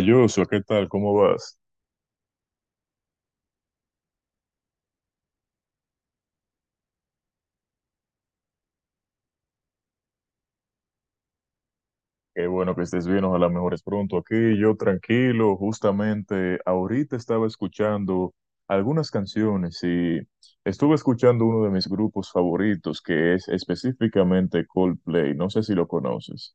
Joshua, ¿qué tal? ¿Cómo vas? Qué bueno que estés bien, ojalá mejores pronto. Aquí yo tranquilo, justamente ahorita estaba escuchando algunas canciones y estuve escuchando uno de mis grupos favoritos que es específicamente Coldplay, no sé si lo conoces.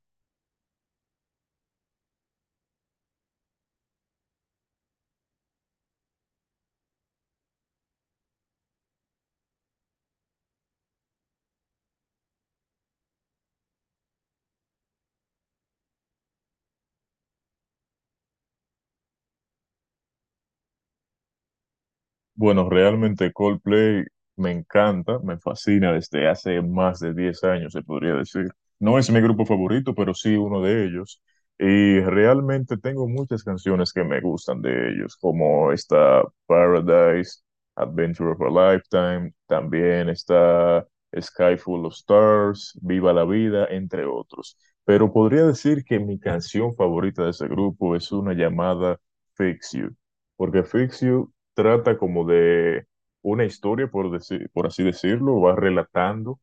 Bueno, realmente Coldplay me encanta, me fascina desde hace más de 10 años, se podría decir. No es mi grupo favorito, pero sí uno de ellos. Y realmente tengo muchas canciones que me gustan de ellos, como está Paradise, Adventure of a Lifetime, también está Sky Full of Stars, Viva la Vida, entre otros. Pero podría decir que mi canción favorita de ese grupo es una llamada Fix You porque Fix You trata como de una historia, por decir, por así decirlo, va relatando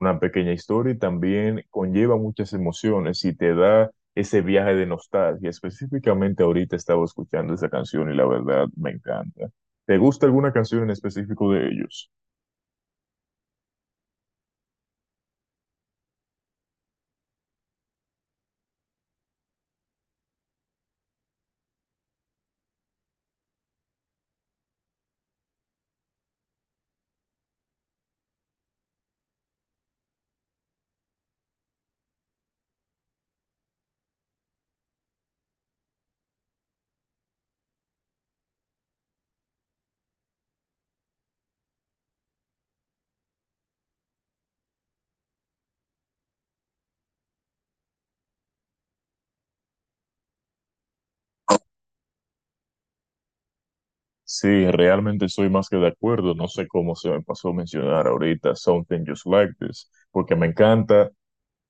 una pequeña historia y también conlleva muchas emociones y te da ese viaje de nostalgia. Específicamente ahorita estaba escuchando esa canción y la verdad me encanta. ¿Te gusta alguna canción en específico de ellos? Sí, realmente estoy más que de acuerdo. No sé cómo se me pasó a mencionar ahorita Something Just Like This, porque me encanta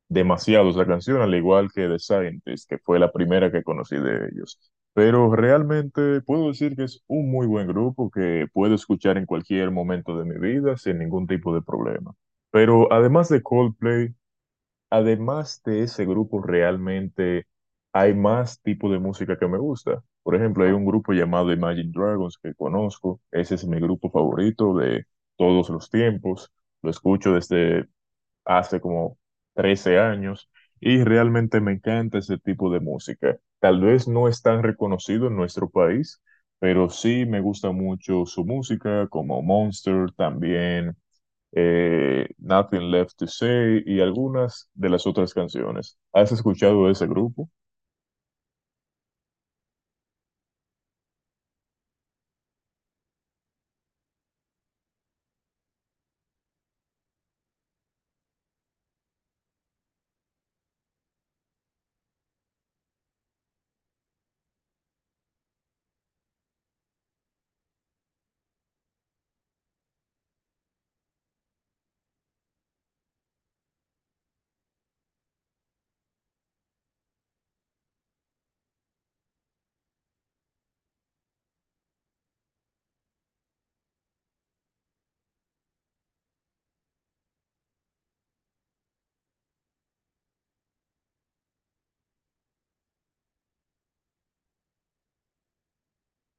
demasiado esa canción, al igual que The Scientist, que fue la primera que conocí de ellos. Pero realmente puedo decir que es un muy buen grupo que puedo escuchar en cualquier momento de mi vida sin ningún tipo de problema. Pero además de Coldplay, además de ese grupo, realmente hay más tipo de música que me gusta. Por ejemplo, hay un grupo llamado Imagine Dragons que conozco. Ese es mi grupo favorito de todos los tiempos. Lo escucho desde hace como 13 años y realmente me encanta ese tipo de música. Tal vez no es tan reconocido en nuestro país, pero sí me gusta mucho su música, como Monster, también Nothing Left to Say y algunas de las otras canciones. ¿Has escuchado de ese grupo?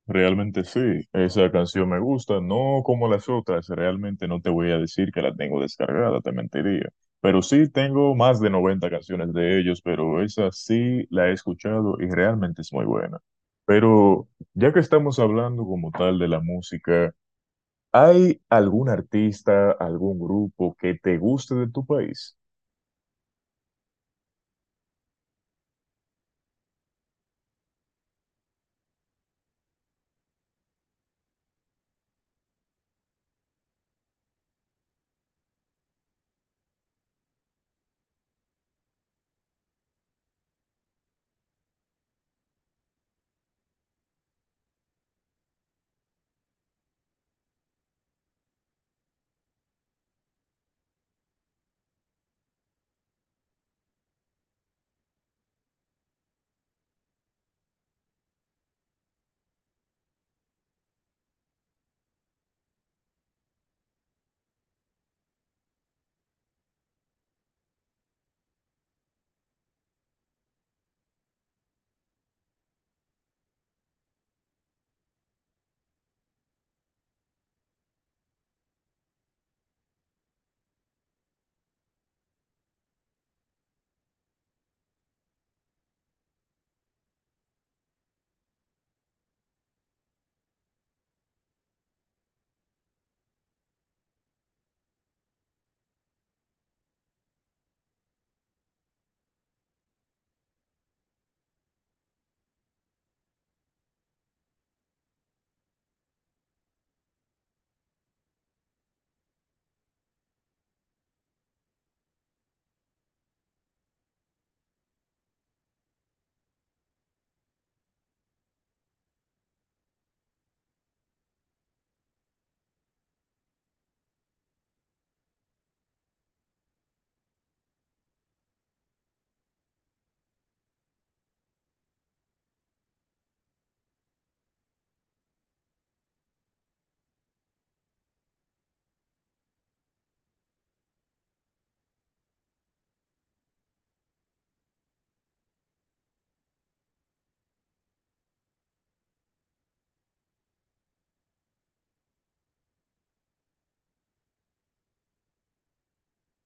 Realmente sí, esa canción me gusta, no como las otras, realmente no te voy a decir que la tengo descargada, te mentiría. Pero sí tengo más de 90 canciones de ellos, pero esa sí la he escuchado y realmente es muy buena. Pero ya que estamos hablando como tal de la música, ¿hay algún artista, algún grupo que te guste de tu país?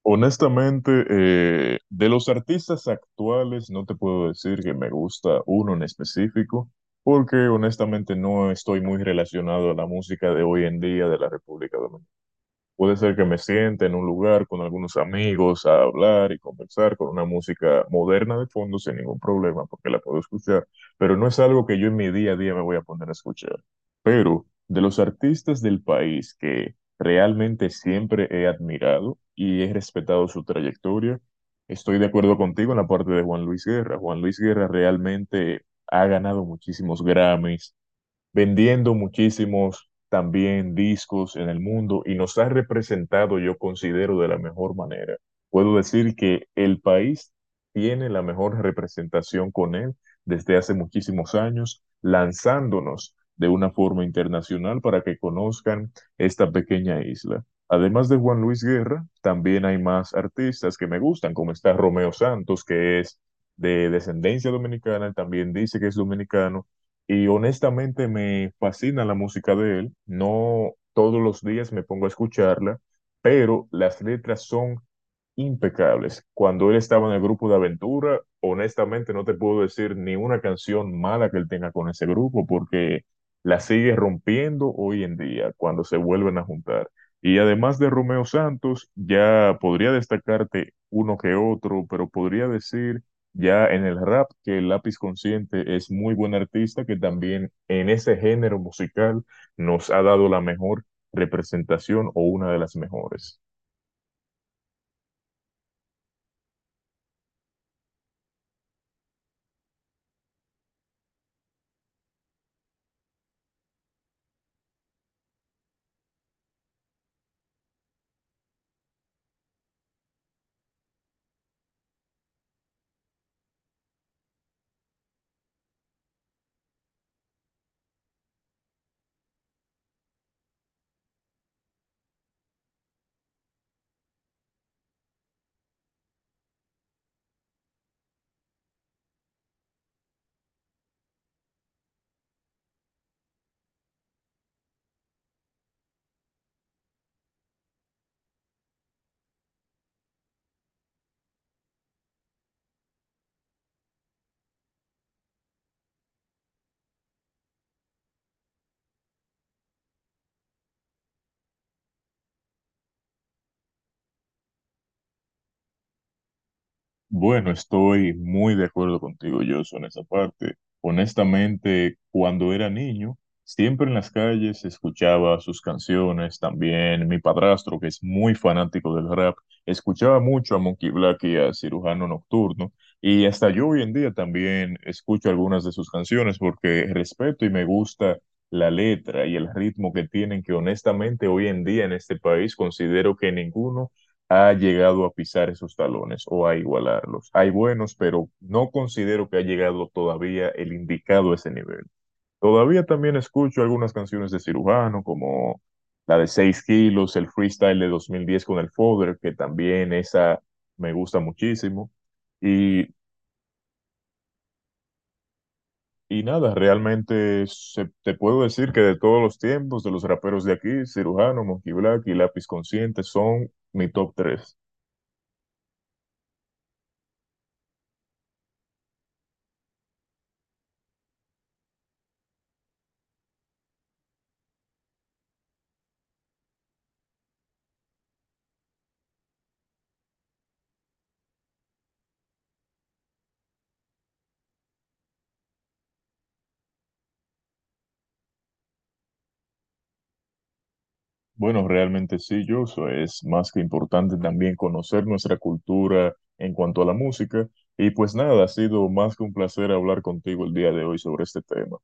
Honestamente, de los artistas actuales, no te puedo decir que me gusta uno en específico, porque honestamente no estoy muy relacionado a la música de hoy en día de la República Dominicana. Puede ser que me siente en un lugar con algunos amigos a hablar y conversar con una música moderna de fondo sin ningún problema, porque la puedo escuchar, pero no es algo que yo en mi día a día me voy a poner a escuchar. Pero de los artistas del país que realmente siempre he admirado y he respetado su trayectoria, estoy de acuerdo contigo en la parte de Juan Luis Guerra. Juan Luis Guerra realmente ha ganado muchísimos Grammys vendiendo muchísimos también discos en el mundo y nos ha representado, yo considero, de la mejor manera. Puedo decir que el país tiene la mejor representación con él desde hace muchísimos años, lanzándonos de una forma internacional para que conozcan esta pequeña isla. Además de Juan Luis Guerra, también hay más artistas que me gustan, como está Romeo Santos, que es de descendencia dominicana, también dice que es dominicano, y honestamente me fascina la música de él. No todos los días me pongo a escucharla, pero las letras son impecables. Cuando él estaba en el grupo de aventura, honestamente no te puedo decir ni una canción mala que él tenga con ese grupo porque la sigue rompiendo hoy en día cuando se vuelven a juntar. Y además de Romeo Santos, ya podría destacarte uno que otro, pero podría decir ya en el rap que el Lápiz Consciente es muy buen artista que también en ese género musical nos ha dado la mejor representación o una de las mejores. Bueno, estoy muy de acuerdo contigo, yo en esa parte. Honestamente, cuando era niño, siempre en las calles escuchaba sus canciones. También mi padrastro, que es muy fanático del rap, escuchaba mucho a Monkey Black y a Cirujano Nocturno. Y hasta yo hoy en día también escucho algunas de sus canciones porque respeto y me gusta la letra y el ritmo que tienen, que honestamente hoy en día en este país considero que ninguno ha llegado a pisar esos talones o a igualarlos. Hay buenos, pero no considero que ha llegado todavía el indicado a ese nivel. Todavía también escucho algunas canciones de cirujano, como la de 6 kilos, el freestyle de 2010 con el Fodder, que también esa me gusta muchísimo. Y, y nada, realmente te puedo decir que de todos los tiempos, de los raperos de aquí, cirujano, Monkey Black y Lápiz Consciente son mi top 3. Bueno, realmente sí, Joshua. Es más que importante también conocer nuestra cultura en cuanto a la música. Y pues nada, ha sido más que un placer hablar contigo el día de hoy sobre este tema.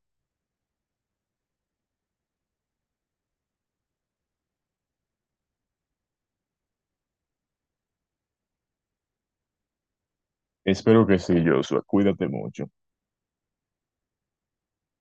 Espero que sí, Joshua. Cuídate mucho.